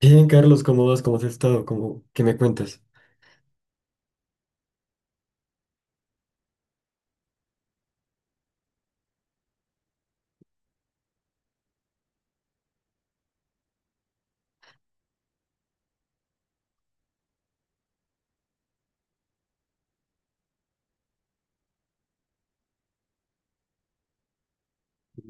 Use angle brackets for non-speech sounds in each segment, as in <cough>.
Bien, Carlos, ¿cómo vas? ¿Cómo has estado? ¿Qué me cuentas?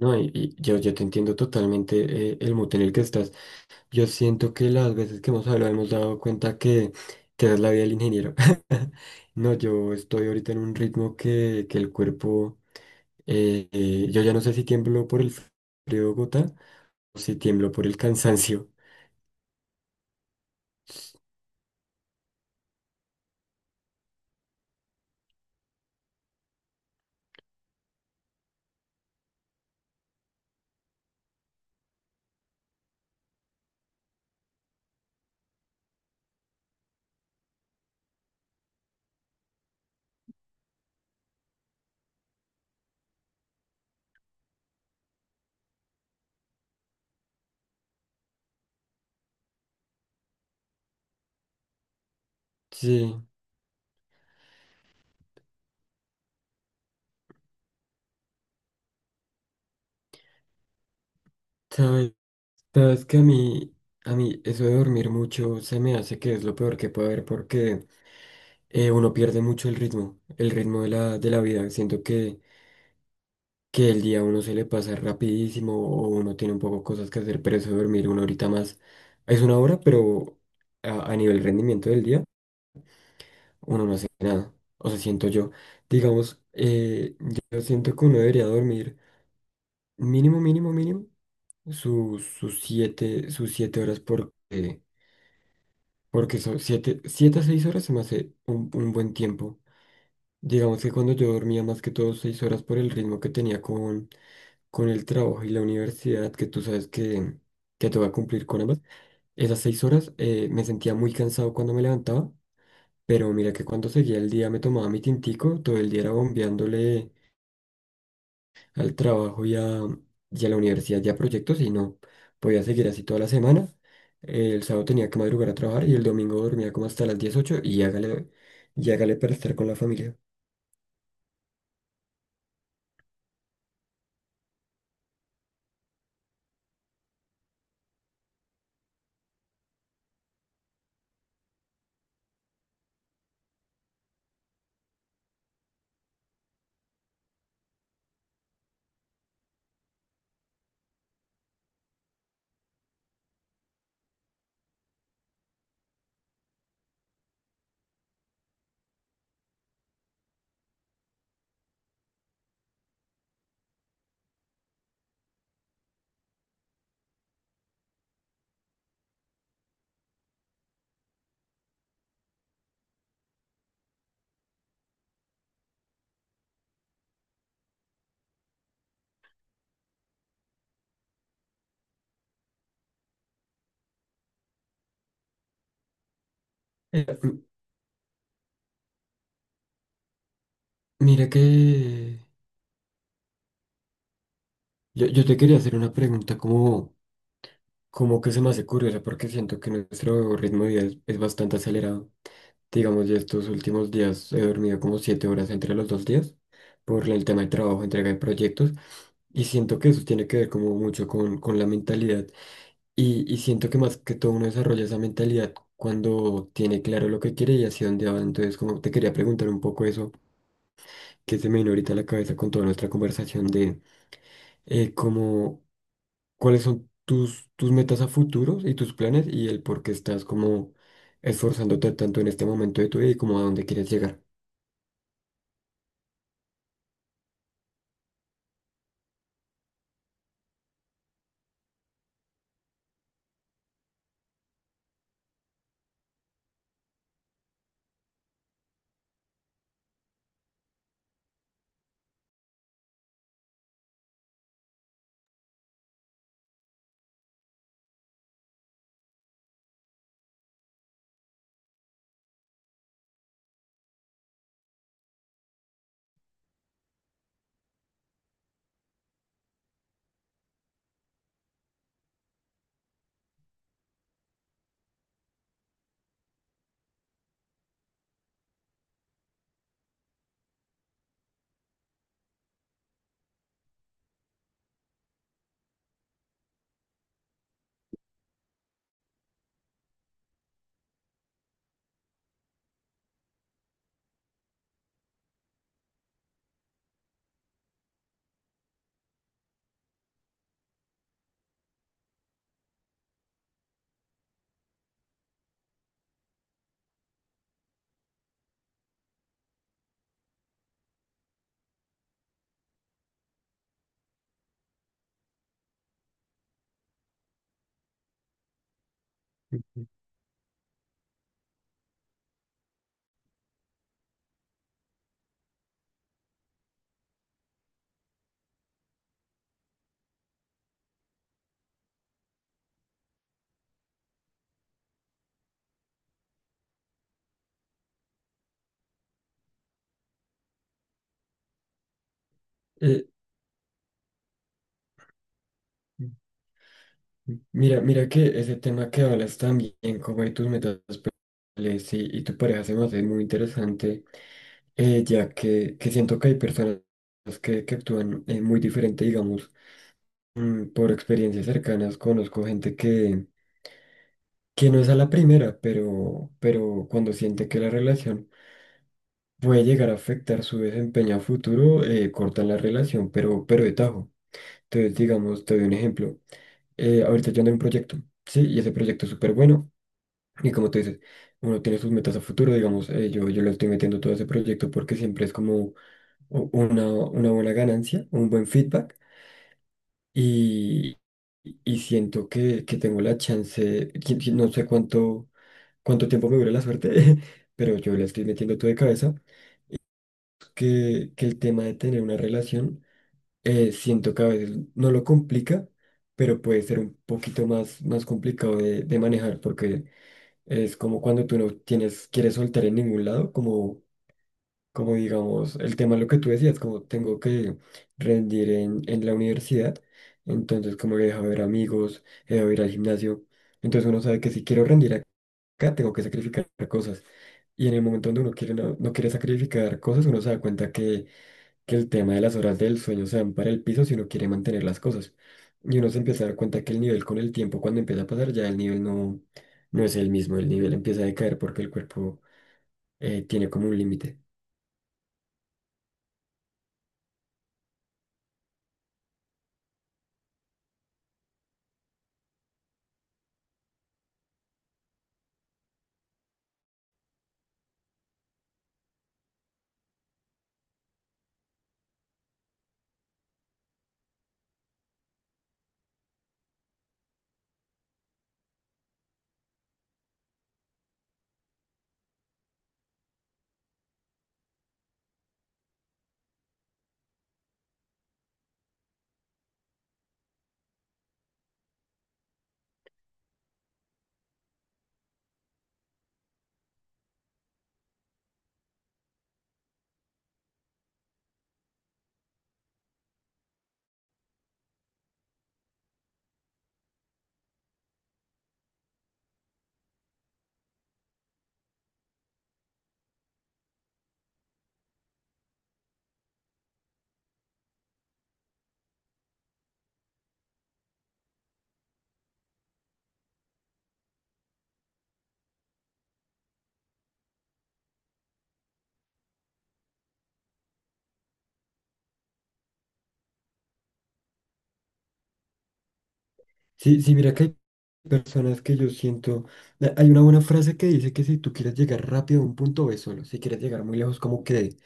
No, y yo te entiendo totalmente, el mood en el que estás. Yo siento que las veces que hemos hablado hemos dado cuenta que esa es la vida del ingeniero. <laughs> No, yo estoy ahorita en un ritmo que el cuerpo, yo ya no sé si tiemblo por el frío de Bogotá o si tiemblo por el cansancio. Sí, sabes, sabes que a mí eso de dormir mucho se me hace que es lo peor que puede haber. Porque... Uno pierde mucho el ritmo, el ritmo de la vida. Siento que el día a uno se le pasa rapidísimo, o uno tiene un poco cosas que hacer, pero eso de dormir una horita más es una hora, pero a nivel rendimiento del día uno no hace nada. O sea, siento yo, digamos, yo siento que uno debería dormir mínimo, mínimo, mínimo sus 7 horas, porque son 7 a 6 horas, se me hace un buen tiempo. Digamos que cuando yo dormía más que todo 6 horas por el ritmo que tenía con el trabajo y la universidad, que tú sabes que te voy a cumplir con ambas, esas 6 horas, me sentía muy cansado cuando me levantaba, pero mira que cuando seguía el día me tomaba mi tintico, todo el día era bombeándole al trabajo y a la universidad y a proyectos y no podía seguir así toda la semana. El sábado tenía que madrugar a trabajar y el domingo dormía como hasta las 18:00 y hágale para estar con la familia. Eh, m- Mira que yo te quería hacer una pregunta, como que se me hace curiosa, porque siento que nuestro ritmo de vida es bastante acelerado. Digamos, ya estos últimos días he dormido como 7 horas entre los 2 días por el tema de trabajo, entrega de proyectos, y siento que eso tiene que ver como mucho con la mentalidad, y siento que más que todo uno desarrolla esa mentalidad cuando tiene claro lo que quiere y hacia dónde va. Entonces, como te quería preguntar un poco eso que se me vino ahorita a la cabeza con toda nuestra conversación de eh, cómo, cuáles son tus metas a futuros y tus planes y el por qué estás como esforzándote tanto en este momento de tu vida y como a dónde quieres llegar. Ujú. Eh, Ujú. Mira que ese tema que hablas también, como de tus metas personales y tu pareja, se me hace muy interesante. Ya que siento que hay personas que actúan muy diferente, digamos, por experiencias cercanas, conozco gente que no es a la primera, pero cuando siente que la relación puede llegar a afectar su desempeño a futuro, cortan la relación, pero de tajo. Entonces, digamos, te doy un ejemplo. Ahorita yo ando en un proyecto, ¿sí? Y ese proyecto es súper bueno. Y como tú dices, uno tiene sus metas a futuro, digamos, yo le estoy metiendo todo ese proyecto porque siempre es como una buena ganancia, un buen feedback. Y, y siento que tengo la chance, que no sé cuánto tiempo me dure la suerte, <laughs> pero yo le estoy metiendo todo de cabeza, que el tema de tener una relación, siento que a veces no lo complica, pero puede ser un poquito más complicado de manejar, porque es como cuando tú no tienes, quieres soltar en ningún lado, como digamos, el tema lo que tú decías, como tengo que rendir en la universidad, entonces como he dejado de ver amigos, he dejado de ir al gimnasio, entonces uno sabe que si quiero rendir acá, tengo que sacrificar cosas. Y en el momento donde uno quiere, no, no quiere sacrificar cosas, uno se da cuenta que el tema de las horas del sueño se van para el piso si uno quiere mantener las cosas. Y uno se empieza a dar cuenta que el nivel con el tiempo, cuando empieza a pasar, ya el nivel no, no es el mismo, el nivel empieza a decaer porque el cuerpo, tiene como un límite. Sí, sí, mira que hay personas que yo siento, hay una buena frase que dice que si tú quieres llegar rápido a un punto, ve solo, si quieres llegar muy lejos, como que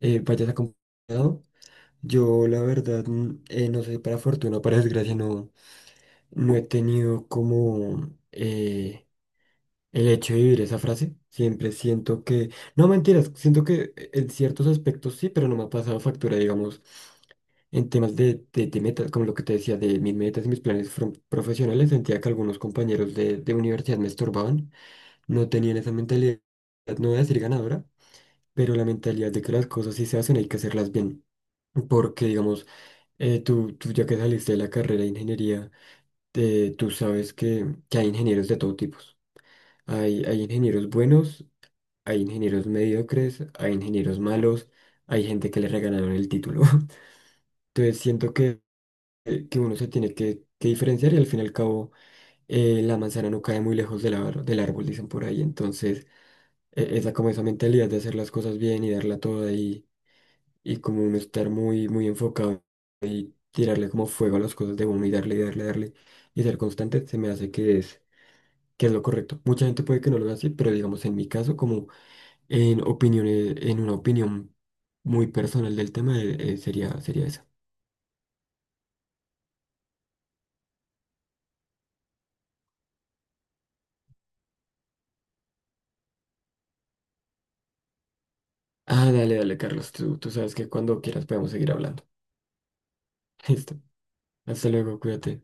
vayas acompañado. Yo la verdad, no sé, para fortuna o para desgracia, no, no he tenido como el hecho de vivir esa frase, siempre siento que, no mentiras, siento que en ciertos aspectos sí, pero no me ha pasado factura, digamos, en temas de metas, como lo que te decía, de mis metas y mis planes profesionales, sentía que algunos compañeros de universidad me estorbaban, no tenían esa mentalidad, no voy a decir ganadora, pero la mentalidad de que las cosas sí se hacen, hay que hacerlas bien, porque, digamos, tú ya que saliste de la carrera de ingeniería, tú sabes que hay ingenieros de todo tipo. Hay ingenieros buenos, hay ingenieros mediocres, hay ingenieros malos, hay gente que le regalaron el título. <laughs> Entonces siento que uno se tiene que diferenciar, y al fin y al cabo, la manzana no cae muy lejos del árbol, dicen por ahí. Entonces, esa como esa mentalidad de hacer las cosas bien y darla toda, y como uno estar muy, muy enfocado, tirarle como fuego a las cosas de uno y darle, darle y ser constante, se me hace que es lo correcto. Mucha gente puede que no lo haga así, pero digamos en mi caso en una opinión muy personal del tema, sería esa. Ah, dale, dale, Carlos. Tú sabes que cuando quieras podemos seguir hablando. <laughs> Listo. Hasta luego, cuídate.